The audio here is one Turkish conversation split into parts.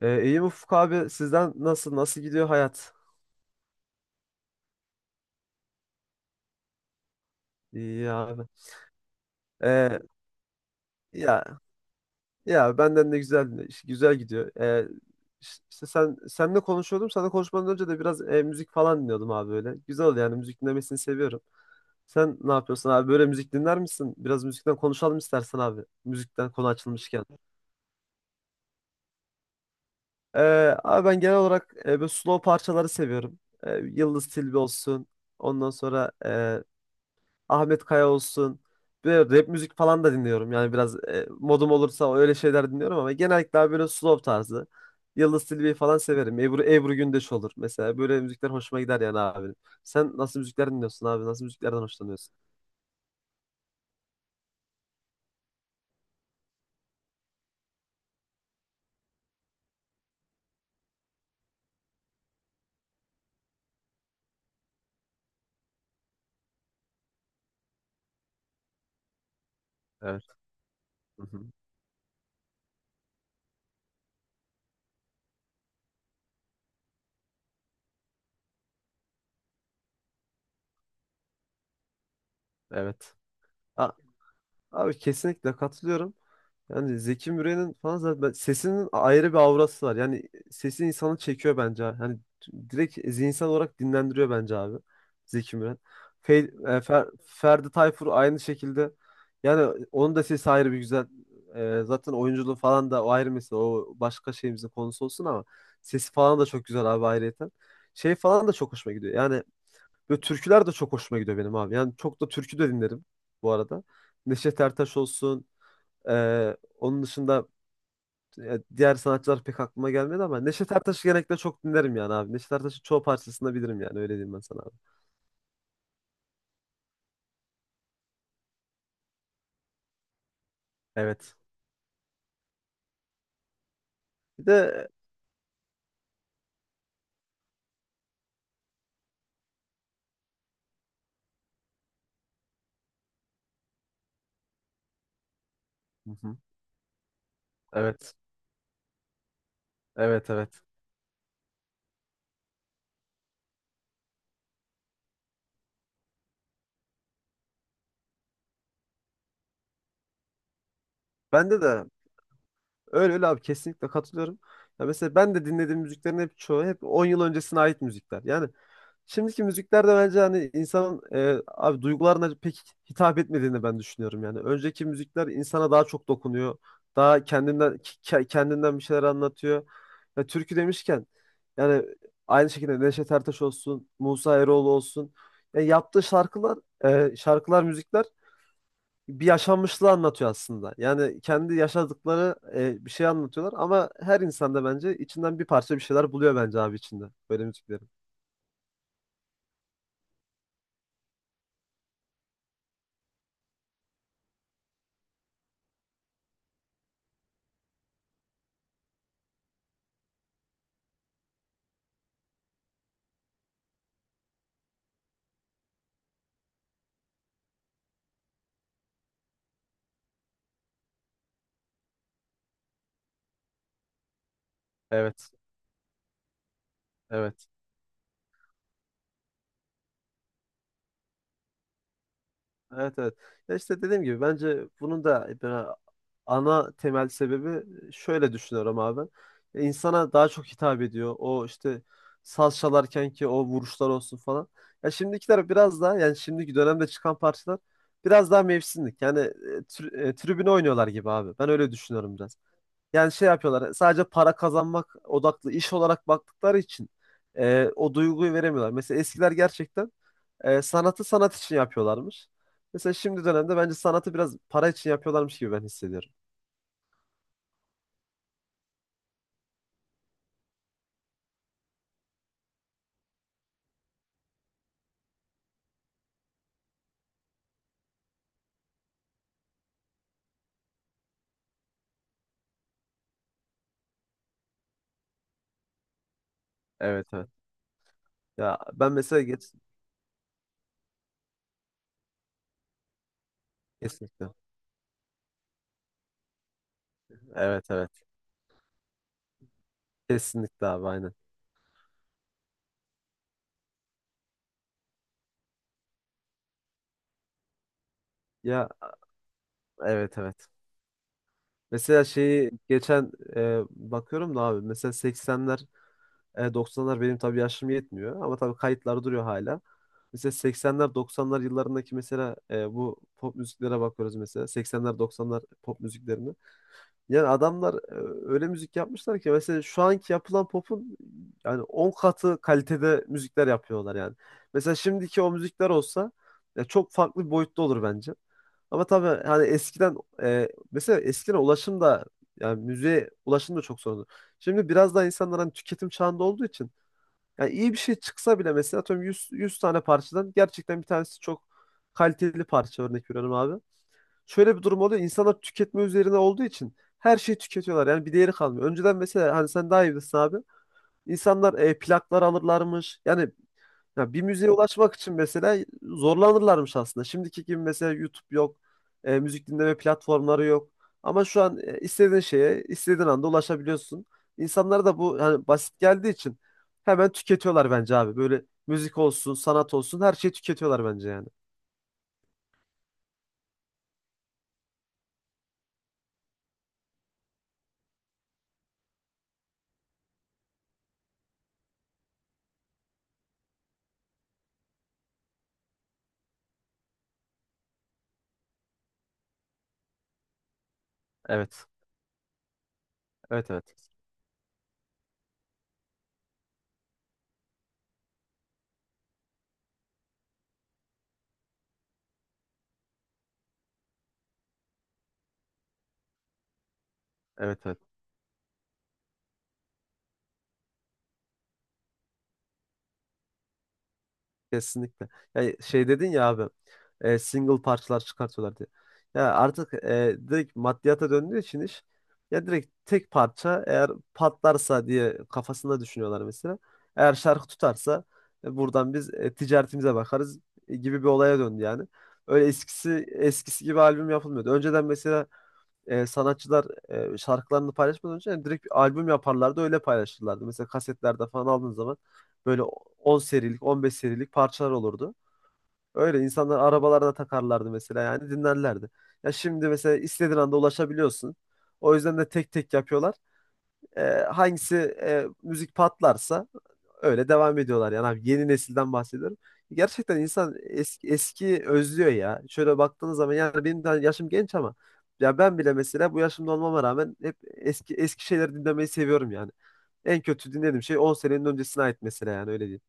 İyiyim Ufuk abi. Sizden nasıl gidiyor hayat? İyi abi. Ee, ya ya benden de güzel güzel gidiyor. İş- işte senle konuşuyordum. Sana konuşmadan önce de biraz müzik falan dinliyordum abi böyle. Güzel oldu yani müzik dinlemesini seviyorum. Sen ne yapıyorsun abi? Böyle müzik dinler misin? Biraz müzikten konuşalım istersen abi. Müzikten konu açılmışken. Abi ben genel olarak böyle slow parçaları seviyorum. Yıldız Tilbe olsun. Ondan sonra Ahmet Kaya olsun. Böyle rap müzik falan da dinliyorum. Yani biraz modum olursa öyle şeyler dinliyorum ama genellikle abi böyle slow tarzı. Yıldız Tilbe'yi falan severim. Ebru Gündeş olur mesela. Böyle müzikler hoşuma gider yani abi. Sen nasıl müzikler dinliyorsun abi? Nasıl müziklerden hoşlanıyorsun? Evet. Hı hı. Evet. A- Abi kesinlikle katılıyorum. Yani Zeki Müren'in falan zaten sesinin ayrı bir aurası var. Yani sesi insanı çekiyor bence abi. Yani direkt zihinsel olarak dinlendiriyor bence abi Zeki Müren. Ferdi Tayfur aynı şekilde. Yani onun da sesi ayrı bir güzel. Zaten oyunculuğu falan da o ayrı mesele. O başka şeyimizin konusu olsun ama sesi falan da çok güzel abi ayrıyeten. Şey falan da çok hoşuma gidiyor. Yani böyle türküler de çok hoşuma gidiyor benim abi. Yani çok da türkü de dinlerim bu arada. Neşet Ertaş olsun. Onun dışında diğer sanatçılar pek aklıma gelmedi ama Neşet Ertaş'ı genellikle çok dinlerim yani abi. Neşet Ertaş'ın çoğu parçasını da bilirim yani öyle diyeyim ben sana abi. Evet. Bir de. Hı hı. Evet. Evet, evet. Bende de öyle öyle abi kesinlikle katılıyorum. Ya mesela ben de dinlediğim müziklerin hep çoğu hep 10 yıl öncesine ait müzikler. Yani şimdiki müzikler de bence hani insanın abi duygularına pek hitap etmediğini ben düşünüyorum yani. Önceki müzikler insana daha çok dokunuyor. Daha kendinden kendinden bir şeyler anlatıyor. Ya türkü demişken yani aynı şekilde Neşet Ertaş olsun, Musa Eroğlu olsun. Yani yaptığı şarkılar, müzikler bir yaşanmışlığı anlatıyor aslında. Yani kendi yaşadıkları bir şey anlatıyorlar ama her insan da bence içinden bir parça bir şeyler buluyor bence abi içinde böyle müziklerin. Evet, evet. Evet, evet. Ya işte dediğim gibi bence bunun da böyle ana temel sebebi şöyle düşünüyorum abi. İnsana daha çok hitap ediyor. O işte saz çalarken ki o vuruşlar olsun falan. Ya şimdikiler biraz daha yani şimdiki dönemde çıkan parçalar biraz daha mevsimlik. Yani tribüne oynuyorlar gibi abi. Ben öyle düşünüyorum biraz. Yani şey yapıyorlar. Sadece para kazanmak odaklı iş olarak baktıkları için o duyguyu veremiyorlar. Mesela eskiler gerçekten sanatı sanat için yapıyorlarmış. Mesela şimdi dönemde bence sanatı biraz para için yapıyorlarmış gibi ben hissediyorum. Evet, evet. Ya ben mesela geç, kesinlikle. Evet, evet. Kesinlikle abi aynen. Ya, evet, evet. Mesela şeyi geçen bakıyorum da abi mesela 80'ler 90'lar benim tabii yaşım yetmiyor ama tabii kayıtlar duruyor hala. Mesela 80'ler 90'lar yıllarındaki mesela bu pop müziklere bakıyoruz mesela 80'ler 90'lar pop müziklerine. Yani adamlar öyle müzik yapmışlar ki mesela şu anki yapılan pop'un yani 10 katı kalitede müzikler yapıyorlar yani. Mesela şimdiki o müzikler olsa ya çok farklı bir boyutta olur bence. Ama tabii hani eskiden mesela eskiden ulaşım da yani müziğe ulaşım da çok sorunlu. Şimdi biraz daha insanlar hani tüketim çağında olduğu için yani iyi bir şey çıksa bile mesela atıyorum 100, 100 tane parçadan gerçekten bir tanesi çok kaliteli parça örnek veriyorum abi şöyle bir durum oluyor. İnsanlar tüketme üzerine olduğu için her şeyi tüketiyorlar. Yani bir değeri kalmıyor. Önceden mesela hani sen daha iyi bilirsin abi. İnsanlar plaklar alırlarmış. Yani ya bir müziğe ulaşmak için mesela zorlanırlarmış aslında. Şimdiki gibi mesela YouTube yok. Müzik dinleme platformları yok. Ama şu an istediğin şeye istediğin anda ulaşabiliyorsun. İnsanlara da bu hani basit geldiği için hemen tüketiyorlar bence abi. Böyle müzik olsun, sanat olsun her şeyi tüketiyorlar bence yani. Evet. Evet, evet. Evet, evet. Kesinlikle. Yani şey dedin ya abi single parçalar çıkartıyorlar diye. Ya artık direkt maddiyata döndüğü için iş ya direkt tek parça eğer patlarsa diye kafasında düşünüyorlar mesela. Eğer şarkı tutarsa buradan biz ticaretimize bakarız gibi bir olaya döndü yani. Öyle eskisi gibi albüm yapılmıyordu. Önceden mesela sanatçılar şarkılarını paylaşmadan önce yani direkt bir albüm yaparlardı öyle paylaşırlardı. Mesela kasetlerde falan aldığın zaman böyle 10 serilik 15 serilik parçalar olurdu. Öyle insanlar arabalarına takarlardı mesela yani dinlerlerdi. Ya şimdi mesela istediğin anda ulaşabiliyorsun. O yüzden de tek tek yapıyorlar. E, hangisi müzik patlarsa öyle devam ediyorlar yani abi yeni nesilden bahsediyorum. Gerçekten insan eski, eski özlüyor ya. Şöyle baktığınız zaman yani benim de yaşım genç ama ya ben bile mesela bu yaşımda olmama rağmen hep eski eski şeyleri dinlemeyi seviyorum yani. En kötü dinlediğim şey 10 senenin öncesine ait mesela yani öyle değil.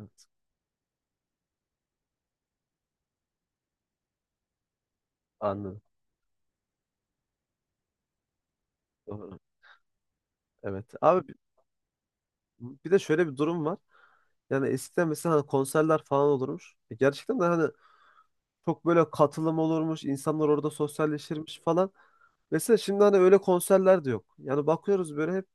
Evet. Anladım. Doğru. Evet. Abi bir de şöyle bir durum var. Yani eskiden mesela hani konserler falan olurmuş. Gerçekten de hani çok böyle katılım olurmuş, insanlar orada sosyalleşirmiş falan. Mesela şimdi hani öyle konserler de yok. Yani bakıyoruz böyle hep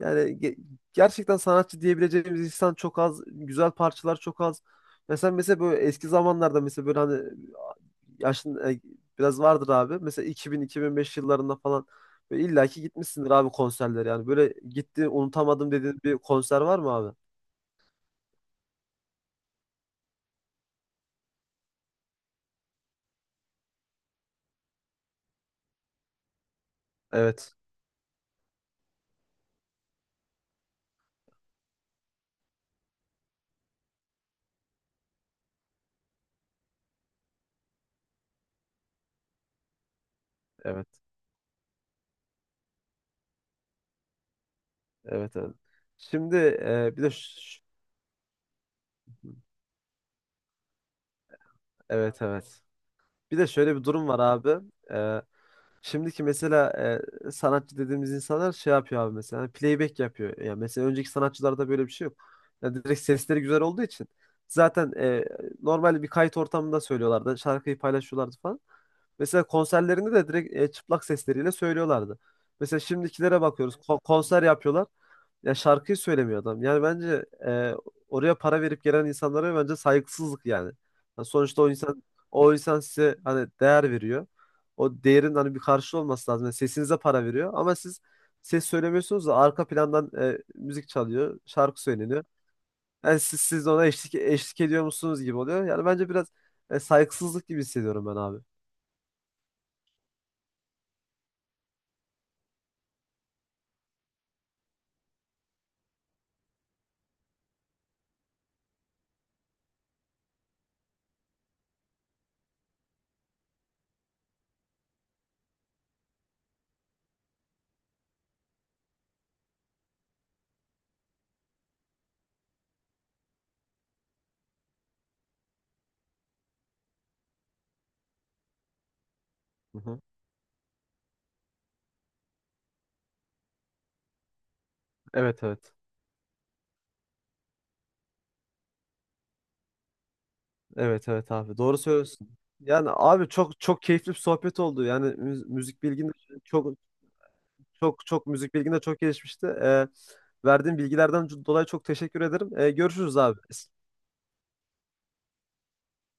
yani gerçekten sanatçı diyebileceğimiz insan çok az, güzel parçalar çok az. Mesela böyle eski zamanlarda mesela böyle hani yaşın biraz vardır abi. Mesela iki bin beş yıllarında falan böyle illaki gitmişsindir abi konserlere yani. Böyle gitti unutamadım dediğin bir konser var mı abi? Evet, evet, evet, evet. Şimdi bir de evet, evet. Bir de şöyle bir durum var abi. Ee, şimdiki mesela sanatçı dediğimiz insanlar şey yapıyor abi mesela hani playback yapıyor. Yani mesela önceki sanatçılarda böyle bir şey yok. Yani direkt sesleri güzel olduğu için zaten normal bir kayıt ortamında söylüyorlardı. Şarkıyı paylaşıyorlardı falan. Mesela konserlerinde de direkt çıplak sesleriyle söylüyorlardı. Mesela şimdikilere bakıyoruz. Konser yapıyorlar. Ya şarkıyı söylemiyor adam. Yani bence oraya para verip gelen insanlara bence saygısızlık yani. Ya sonuçta o insan size hani değer veriyor. O değerin hani bir karşılığı olması lazım. Yani sesinize para veriyor ama siz ses söylemiyorsunuz da arka plandan müzik çalıyor, şarkı söyleniyor. Yani siz de ona eşlik ediyor musunuz gibi oluyor. Yani bence biraz saygısızlık gibi hissediyorum ben abi. Hı hı. Evet, evet. Evet, evet abi doğru söylüyorsun. Yani abi çok çok keyifli bir sohbet oldu. Yani çok müzik bilgin de çok gelişmişti. Verdiğin bilgilerden dolayı çok teşekkür ederim. Görüşürüz abi.